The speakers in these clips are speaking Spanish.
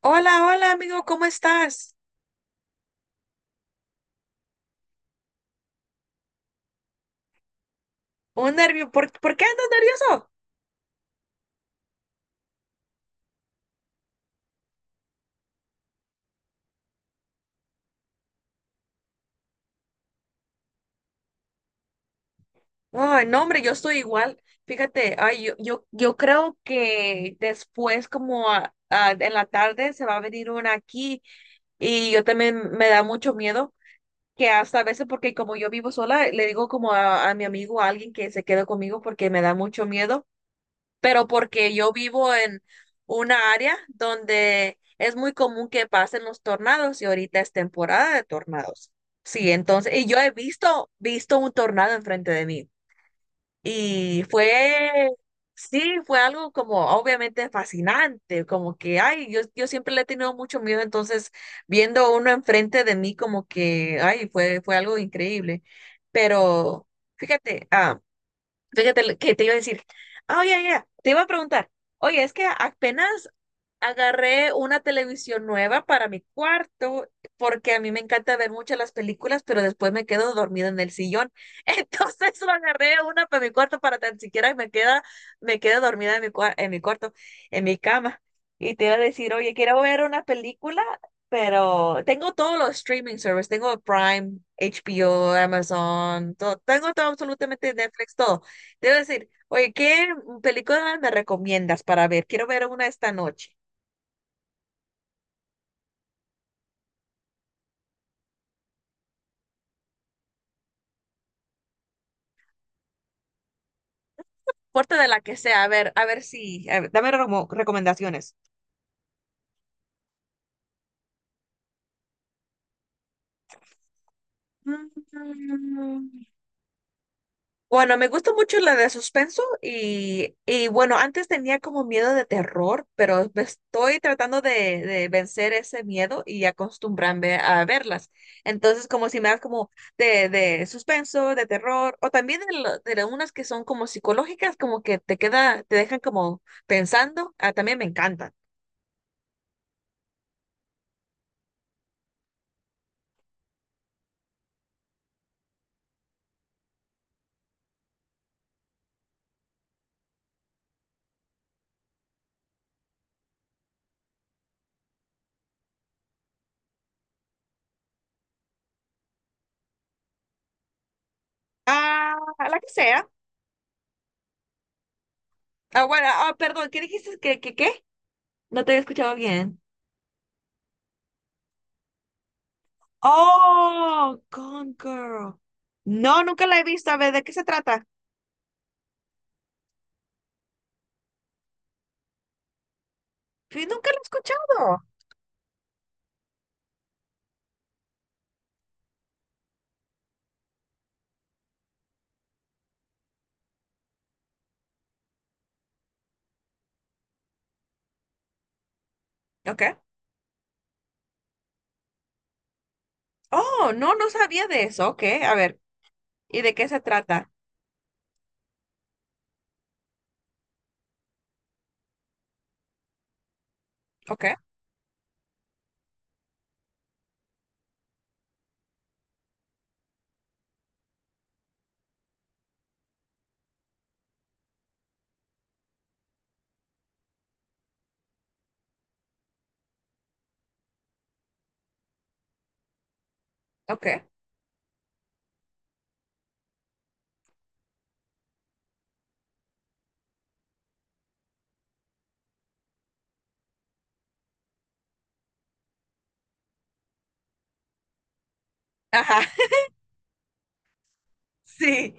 Hola, hola amigo, ¿cómo estás? Un nervio, ¿por qué andas nervioso? Ay, no, hombre, yo estoy igual. Fíjate, ay, yo creo que después, como en la tarde, se va a venir una aquí y yo también me da mucho miedo, que hasta a veces, porque como yo vivo sola, le digo como a mi amigo, a alguien que se quede conmigo porque me da mucho miedo, pero porque yo vivo en una área donde es muy común que pasen los tornados y ahorita es temporada de tornados. Sí, entonces, y yo he visto un tornado enfrente de mí y sí, fue algo como obviamente fascinante, como que, ay, yo siempre le he tenido mucho miedo, entonces viendo uno enfrente de mí como que, ay, fue algo increíble. Pero fíjate, fíjate lo que te iba a decir. Oye, ya, te iba a preguntar. Oye, es que apenas agarré una televisión nueva para mi cuarto, porque a mí me encanta ver muchas las películas, pero después me quedo dormida en el sillón. Entonces lo agarré una para mi cuarto para tan siquiera me quedo dormida en en mi cuarto, en mi cama. Y te iba a decir, oye, quiero ver una película, pero tengo todos los streaming services, tengo Prime, HBO, Amazon, todo, tengo todo absolutamente Netflix, todo, te iba a decir, oye, ¿qué película me recomiendas para ver? Quiero ver una esta noche. Porta de la que sea, a ver si, a ver, dame como recomendaciones. Mm, Bueno, me gusta mucho la de suspenso y bueno, antes tenía como miedo de terror, pero me estoy tratando de vencer ese miedo y acostumbrarme a verlas. Entonces, como si me das como de suspenso, de terror, o también de unas que son como psicológicas, como que te dejan como pensando, ah, también me encantan. Ah, la que sea. Bueno, perdón, ¿qué dijiste? Qué? No te había escuchado bien. Oh, Gone Girl. No, nunca la he visto. A ver, ¿de qué se trata? Sí, nunca la he escuchado. ¿Ok? Oh, no, no sabía de eso. Ok, a ver. ¿Y de qué se trata? ¿Ok? ¿Ok? Ajá. Sí.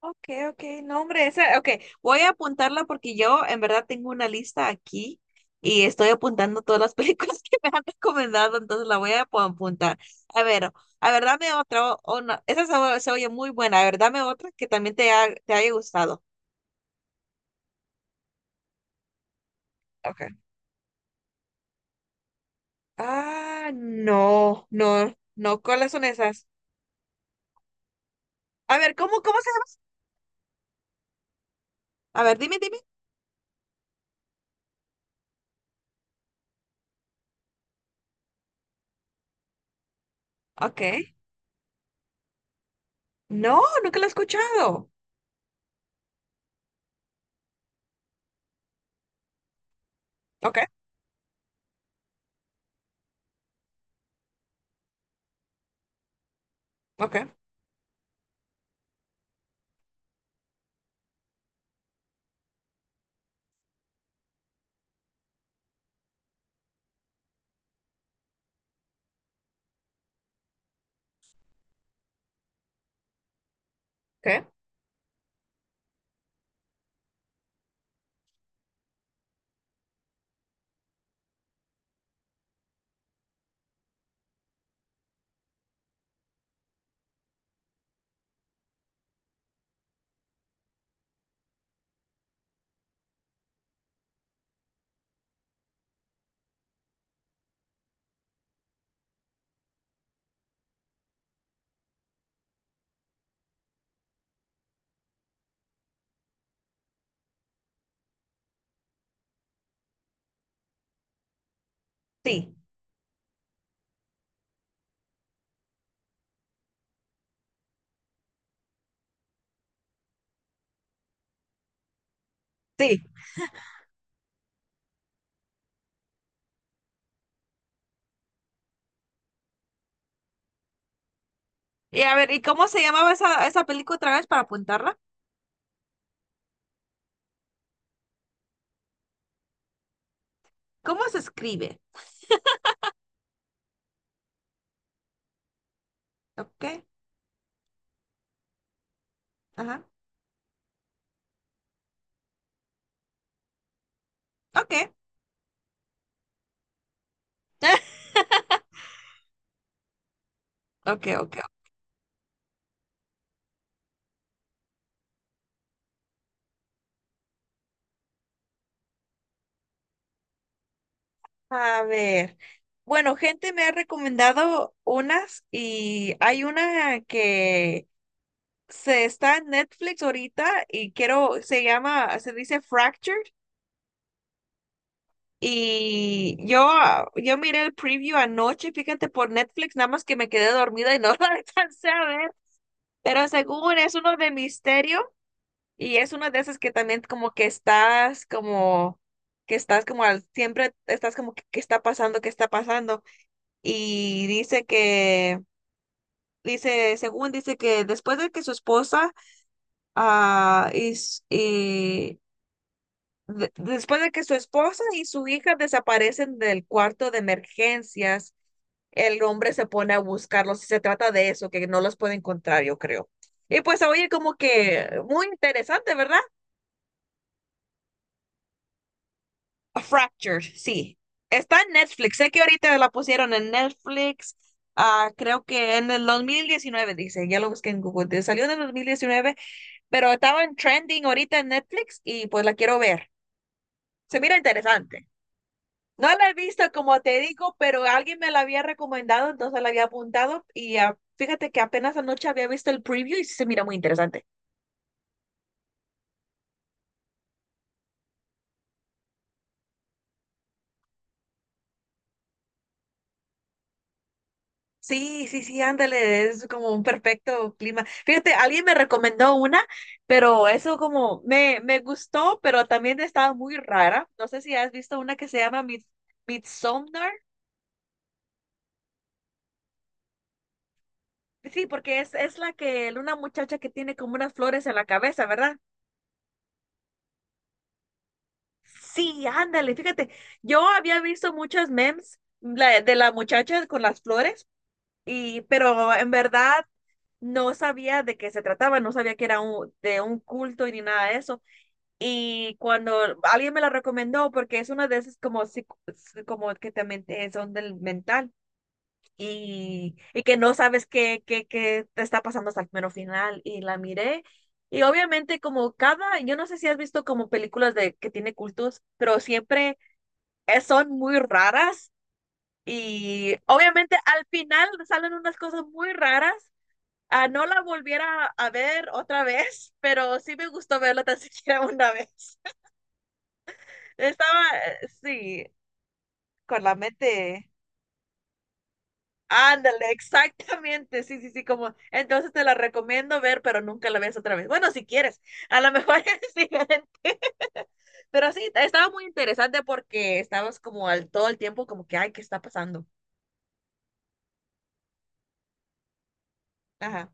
Ok, ok. No, hombre, esa, ok. Voy a apuntarla porque yo en verdad tengo una lista aquí y estoy apuntando todas las películas que me han recomendado, entonces la voy a apuntar. A ver, a ver, dame otra. O no, Esa se, se oye muy buena. A ver, dame otra que también te haya gustado. Okay. Ah, no, no, no, ¿cuáles son esas? A ver, cómo se llama? A ver, dime. Okay. No, nunca la he escuchado. Okay, okay, okay. Sí, sí. Y a ver, ¿y cómo se llamaba esa película otra vez para apuntarla? ¿Cómo se escribe? Okay, ajá, okay. Okay, okay. A ver. Bueno, gente me ha recomendado unas y hay una que se está en Netflix ahorita y quiero, se llama, se dice Fractured. Y yo, yo miré el preview anoche, fíjate, por Netflix, nada más que me quedé dormida y no la alcancé a ver. Pero según es uno de misterio y es una de esas que también como que estás como, siempre estás como que, ¿qué está pasando? ¿Qué está pasando? Y dice que, dice, según dice que después de que su esposa ah, y, s- y después de que su esposa y su hija desaparecen del cuarto de emergencias, el hombre se pone a buscarlos y se trata de eso, que no los puede encontrar, yo creo. Y pues oye, como que muy interesante, ¿verdad? A Fractured, sí. Está en Netflix. Sé que ahorita la pusieron en Netflix. Creo que en el 2019 dice. Ya lo busqué en Google. Salió en el 2019, pero estaba en trending ahorita en Netflix y pues la quiero ver. Se mira interesante. No la he visto, como te digo, pero alguien me la había recomendado, entonces la había apuntado y fíjate que apenas anoche había visto el preview y sí se mira muy interesante. Sí, sí, sí, ándale, es como un perfecto clima. Fíjate, alguien me recomendó una, pero eso como me gustó, pero también estaba muy rara. No sé si has visto una que se llama Midsommar. Sí, porque es la que una muchacha que tiene como unas flores en la cabeza, ¿verdad? Sí, ándale, fíjate, yo había visto muchas memes de la muchacha con las flores, y, pero en verdad no sabía de qué se trataba, no sabía que era de un culto y ni nada de eso. Y cuando alguien me la recomendó, porque es una de esas como, como que también son del mental y que no sabes qué te está pasando hasta el mero final, y la miré. Y obviamente como cada, yo no sé si has visto como películas de que tiene cultos, pero siempre son muy raras y obviamente al final salen unas cosas muy raras. Ah, no la volviera a ver otra vez, pero sí me gustó verla tan siquiera una vez. Estaba, sí, con la mente. Ándale, exactamente. Sí, sí, sí, como. Entonces te la recomiendo ver, pero nunca la ves otra vez. Bueno, si quieres, a lo mejor es diferente. Pero sí, estaba muy interesante porque estabas como al todo el tiempo, como que, ay, ¿qué está pasando? Ajá.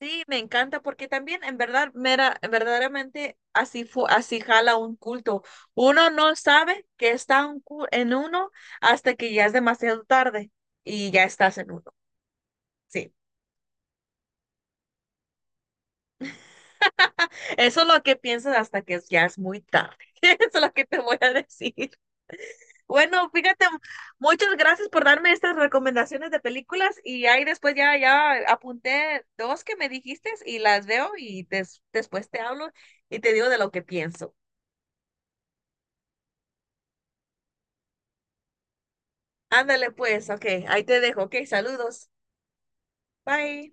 Sí, me encanta porque también en verdad, verdaderamente así así jala un culto. Uno no sabe que está en uno hasta que ya es demasiado tarde y ya estás en uno. Sí, eso es lo que piensas hasta que ya es muy tarde. Eso es lo que te voy a decir. Bueno, fíjate, muchas gracias por darme estas recomendaciones de películas y ahí después ya apunté dos que me dijiste y las veo y después te hablo y te digo de lo que pienso. Ándale pues, ok, ahí te dejo, ok, saludos. Bye.